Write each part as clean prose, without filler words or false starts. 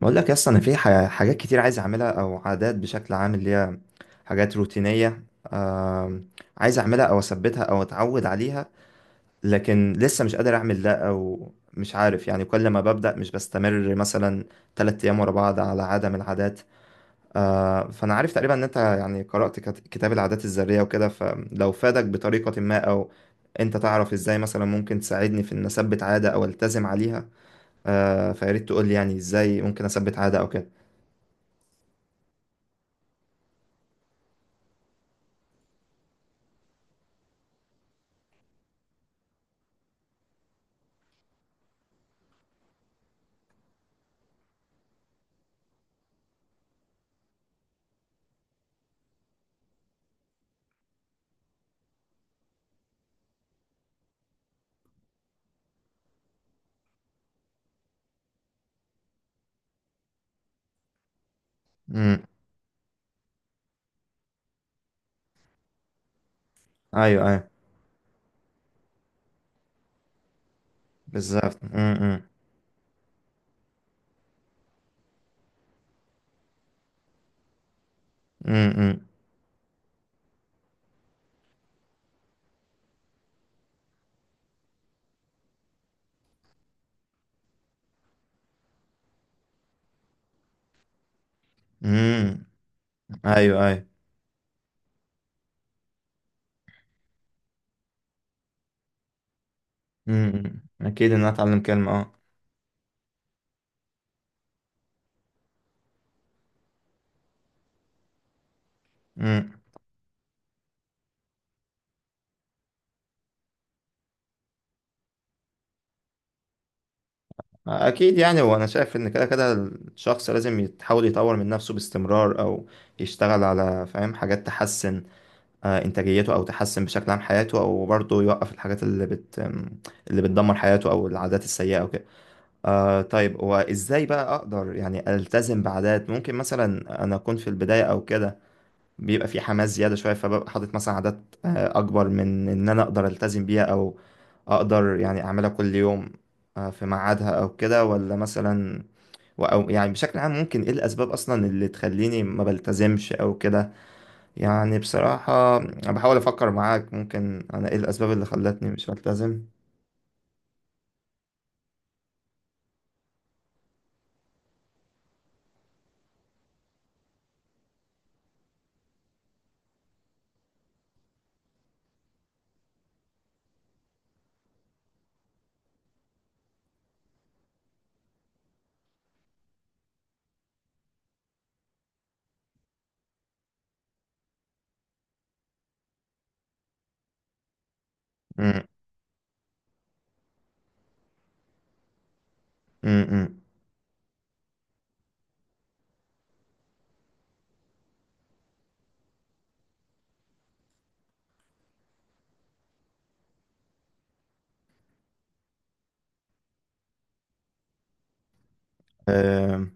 بقول لك اصلا انا في حاجات كتير عايز اعملها او عادات بشكل عام اللي هي حاجات روتينيه. آم، عايز اعملها او اثبتها او اتعود عليها، لكن لسه مش قادر اعمل ده او مش عارف، يعني كل ما ببدا مش بستمر مثلا تلات ايام ورا بعض على عاده من العادات. فانا عارف تقريبا ان انت يعني قرات كتاب العادات الذريه وكده، فلو فادك بطريقه ما او انت تعرف ازاي مثلا ممكن تساعدني في ان اثبت عاده او التزم عليها. فياريت تقول لي يعني ازاي ممكن اثبت عاده او كده. امم ايوه، ايوه بالظبط. امم امم ايوه، ايوه. اكيد ان انا اتعلم كلمه. اه امم اكيد يعني، وانا شايف ان كده كده الشخص لازم يحاول يطور من نفسه باستمرار او يشتغل على فاهم حاجات تحسن انتاجيته او تحسن بشكل عام حياته، او برضه يوقف الحاجات اللي بتدمر حياته او العادات السيئه او كده. آه طيب، وازاي بقى اقدر يعني التزم بعادات؟ ممكن مثلا انا اكون في البدايه او كده بيبقى في حماس زيادة شوية، فببقى حاطط مثلا عادات أكبر من إن أنا أقدر ألتزم بيها، أو أقدر يعني أعملها كل يوم في ميعادها أو كده، ولا مثلا أو يعني بشكل عام ممكن إيه الأسباب أصلا اللي تخليني ما بلتزمش أو كده. يعني بصراحة أنا بحاول أفكر معاك، ممكن أنا إيه الأسباب اللي خلتني مش بلتزم. م- م- م.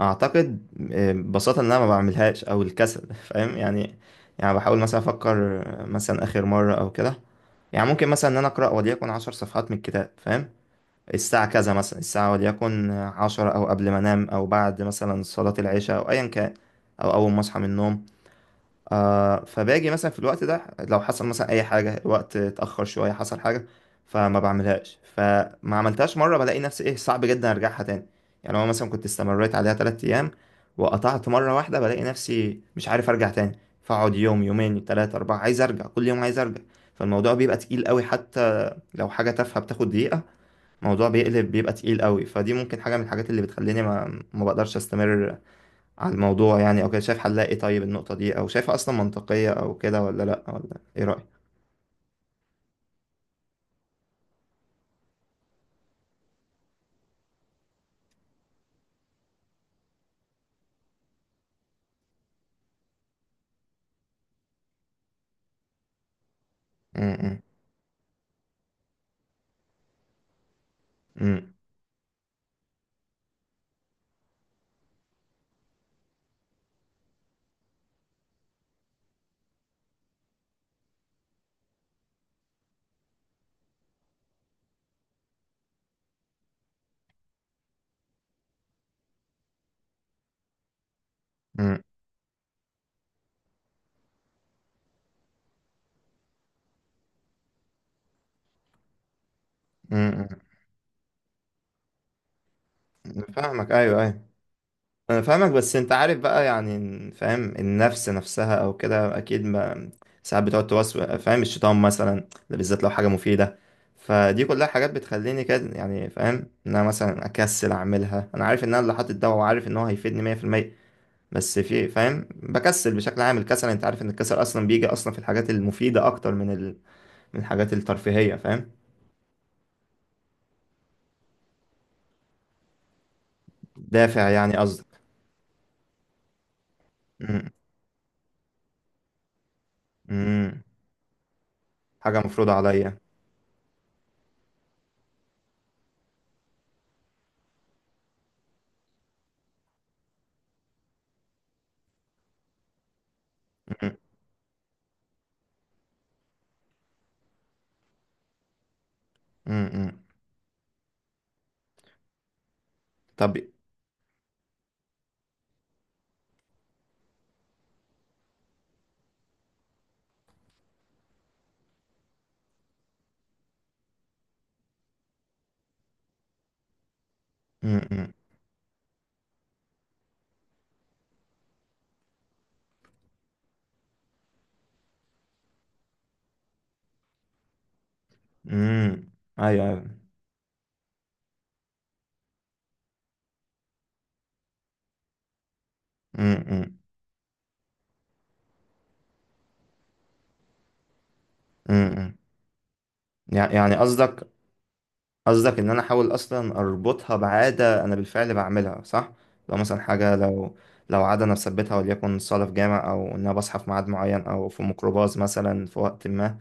اعتقد ببساطه ان انا ما بعملهاش او الكسل، فاهم يعني. يعني بحاول مثلا افكر مثلا اخر مره او كده، يعني ممكن مثلا ان انا اقرا وليكن 10 صفحات من الكتاب، فاهم، الساعه كذا مثلا، الساعه وليكن 10 او قبل ما انام او بعد مثلا صلاه العشاء او ايا كان او اول ما اصحى من النوم. آه، فباجي مثلا في الوقت ده، لو حصل مثلا اي حاجه، الوقت اتاخر شويه، حصل حاجه فما بعملهاش، فما عملتهاش مره بلاقي نفسي ايه صعب جدا ارجعها تاني. يعني لو مثلا كنت استمريت عليها 3 ايام وقطعت مره واحده، بلاقي نفسي مش عارف ارجع تاني، فاقعد يوم يومين تلاتة أربعة عايز أرجع كل يوم عايز أرجع، فالموضوع بيبقى تقيل قوي. حتى لو حاجة تافهة بتاخد دقيقة، الموضوع بيقلب بيبقى تقيل قوي. فدي ممكن حاجة من الحاجات اللي بتخليني ما بقدرش أستمر على الموضوع يعني او كده. شايف حلها ايه؟ طيب النقطة دي، او شايفها اصلا منطقية او كده ولا لا، ولا ايه رأيك؟ امم امم امم امم فاهمك، ايوه ايوه. انا فاهمك بس انت عارف بقى يعني، فاهم النفس نفسها او كده، اكيد ما ساعات بتقعد توسوس فاهم، الشيطان مثلا ده، بالذات لو حاجة مفيدة، فدي كلها حاجات بتخليني كده يعني، فاهم، ان انا مثلا اكسل اعملها. انا عارف ان انا اللي حاطط ده، وعارف ان هو هيفيدني 100%، بس في فاهم بكسل بشكل عام. الكسل انت عارف ان الكسل اصلا بيجي اصلا في الحاجات المفيده اكتر من من الحاجات الترفيهيه، فاهم. دافع يعني قصدك؟ م- م- حاجه مفروضه عليا. م- م- م. طب م- م- م. ايوه ايوه. م- م- م- م. يعني قصدك، قصدك ان انا احاول اصلا اربطها بعاده انا بالفعل بعملها، صح؟ لو مثلا حاجه، لو لو عاده انا مثبتها، وليكن صاله في جامع، او ان انا بصحى في ميعاد معين، او في ميكروباص مثلا في وقت ما،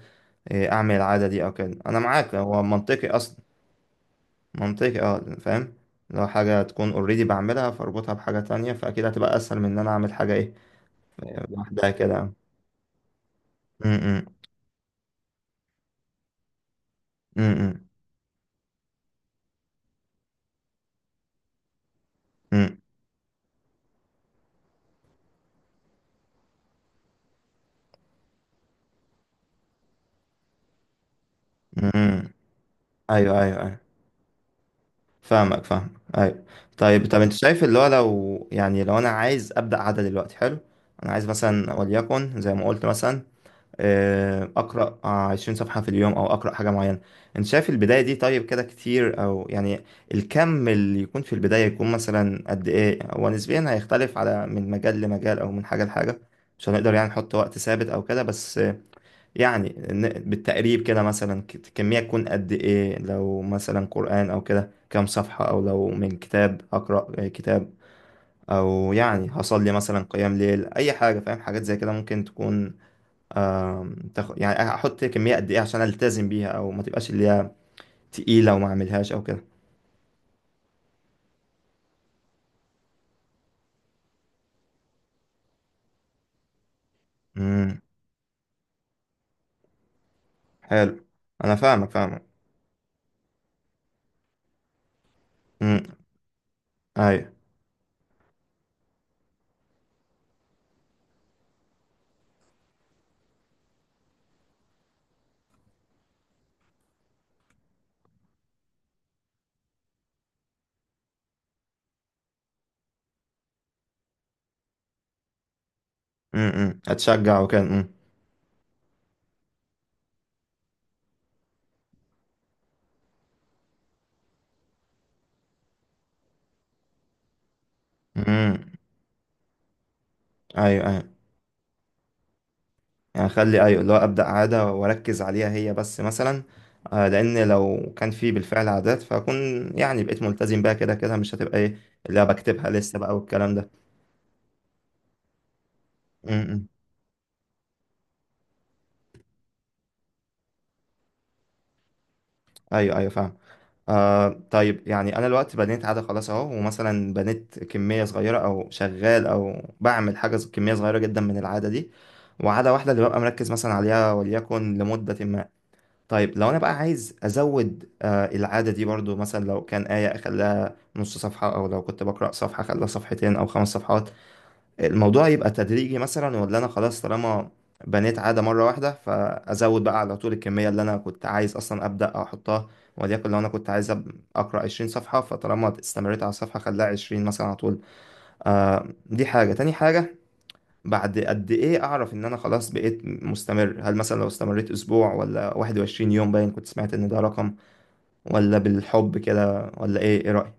اعمل العاده دي او كده. انا معاك، هو منطقي اصلا. منطقي اه، فاهم، لو حاجه تكون اوريدي بعملها فاربطها بحاجه تانية، فاكيد هتبقى اسهل من ان انا اعمل حاجه ايه لوحدها كده. امم امم امم ايوه ايوه ايوه، فاهمك فاهمك. ايوه. طيب، طب انت شايف اللي هو، لو يعني لو انا عايز ابدا عاده دلوقتي، حلو، انا عايز مثلا وليكن زي ما قلت مثلا اقرا 20 صفحه في اليوم او اقرا حاجه معينه، انت شايف البدايه دي طيب كده كتير او يعني، الكم اللي يكون في البدايه يكون مثلا قد ايه؟ هو نسبيا هيختلف على من مجال لمجال او من حاجه لحاجه، مش هنقدر يعني نحط وقت ثابت او كده، بس يعني بالتقريب كده، مثلا الكميه تكون قد ايه؟ لو مثلا قران او كده كام صفحه، او لو من كتاب هقرا كتاب، او يعني هصلي مثلا قيام ليل، اي حاجه فاهم، حاجات زي كده ممكن تكون يعني احط كميه قد ايه عشان التزم بيها او ما تبقاش اللي هي تقيله وما اعملهاش او كده. امم حلو، انا فاهمك فاهمك. امم ايوه. اتشجع وكده. امم ايوه ايوه، يعني اخلي ايوه اللي هو ابدا عاده واركز عليها هي بس مثلا. آه، لان لو كان في بالفعل عادات فاكون يعني بقيت ملتزم بيها كده كده، مش هتبقى ايه اللي أنا بكتبها لسه بقى والكلام ده. امم ايوه ايوه فاهم. آه طيب، يعني انا الوقت بنيت عاده خلاص اهو، ومثلا بنيت كميه صغيره او شغال او بعمل حاجه كميه صغيره جدا من العاده دي، وعاده واحده اللي ببقى مركز مثلا عليها وليكن لمده ما، طيب لو انا بقى عايز ازود آه العاده دي برضو، مثلا لو كان ايه اخليها نص صفحه، او لو كنت بقرا صفحه اخليها صفحتين او خمس صفحات، الموضوع يبقى تدريجي مثلا، ولا انا خلاص طالما بنيت عادة مرة واحدة فازود بقى على طول الكمية اللي انا كنت عايز اصلا ابدا احطها؟ وليكن لو انا كنت عايز اقرا 20 صفحة، فطالما استمريت على الصفحة خليها 20 مثلا على طول. آه دي حاجة، تاني حاجة بعد قد ايه اعرف ان انا خلاص بقيت مستمر؟ هل مثلا لو استمريت اسبوع ولا 21 يوم؟ باين كنت سمعت ان ده رقم ولا بالحب كده ولا ايه، ايه رأيك؟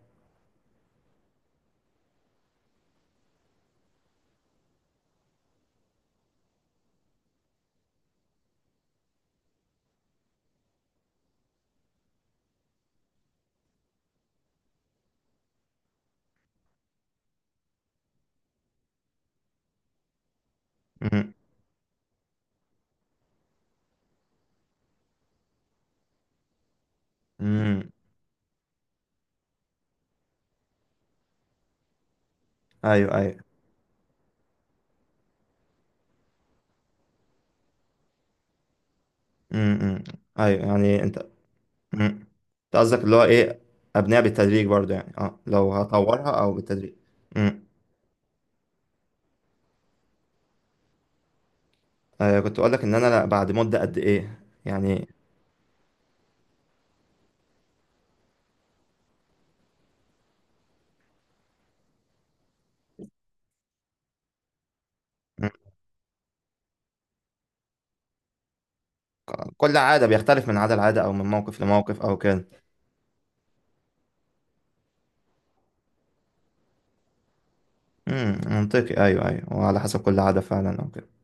امم امم ايوه ايوه. امم ايوه يعني انت مم. انت قصدك اللي هو ايه، ابنيها بالتدريج برضو يعني، اه لو هطورها او بالتدريج. مم. آه كنت اقول لك ان انا لا، بعد مدة قد ايه يعني. مم. كل عادة بيختلف من عادة لعادة او من موقف لموقف او كده. منطقي، ايوه ايوه، وعلى حسب كل عادة فعلا او كده.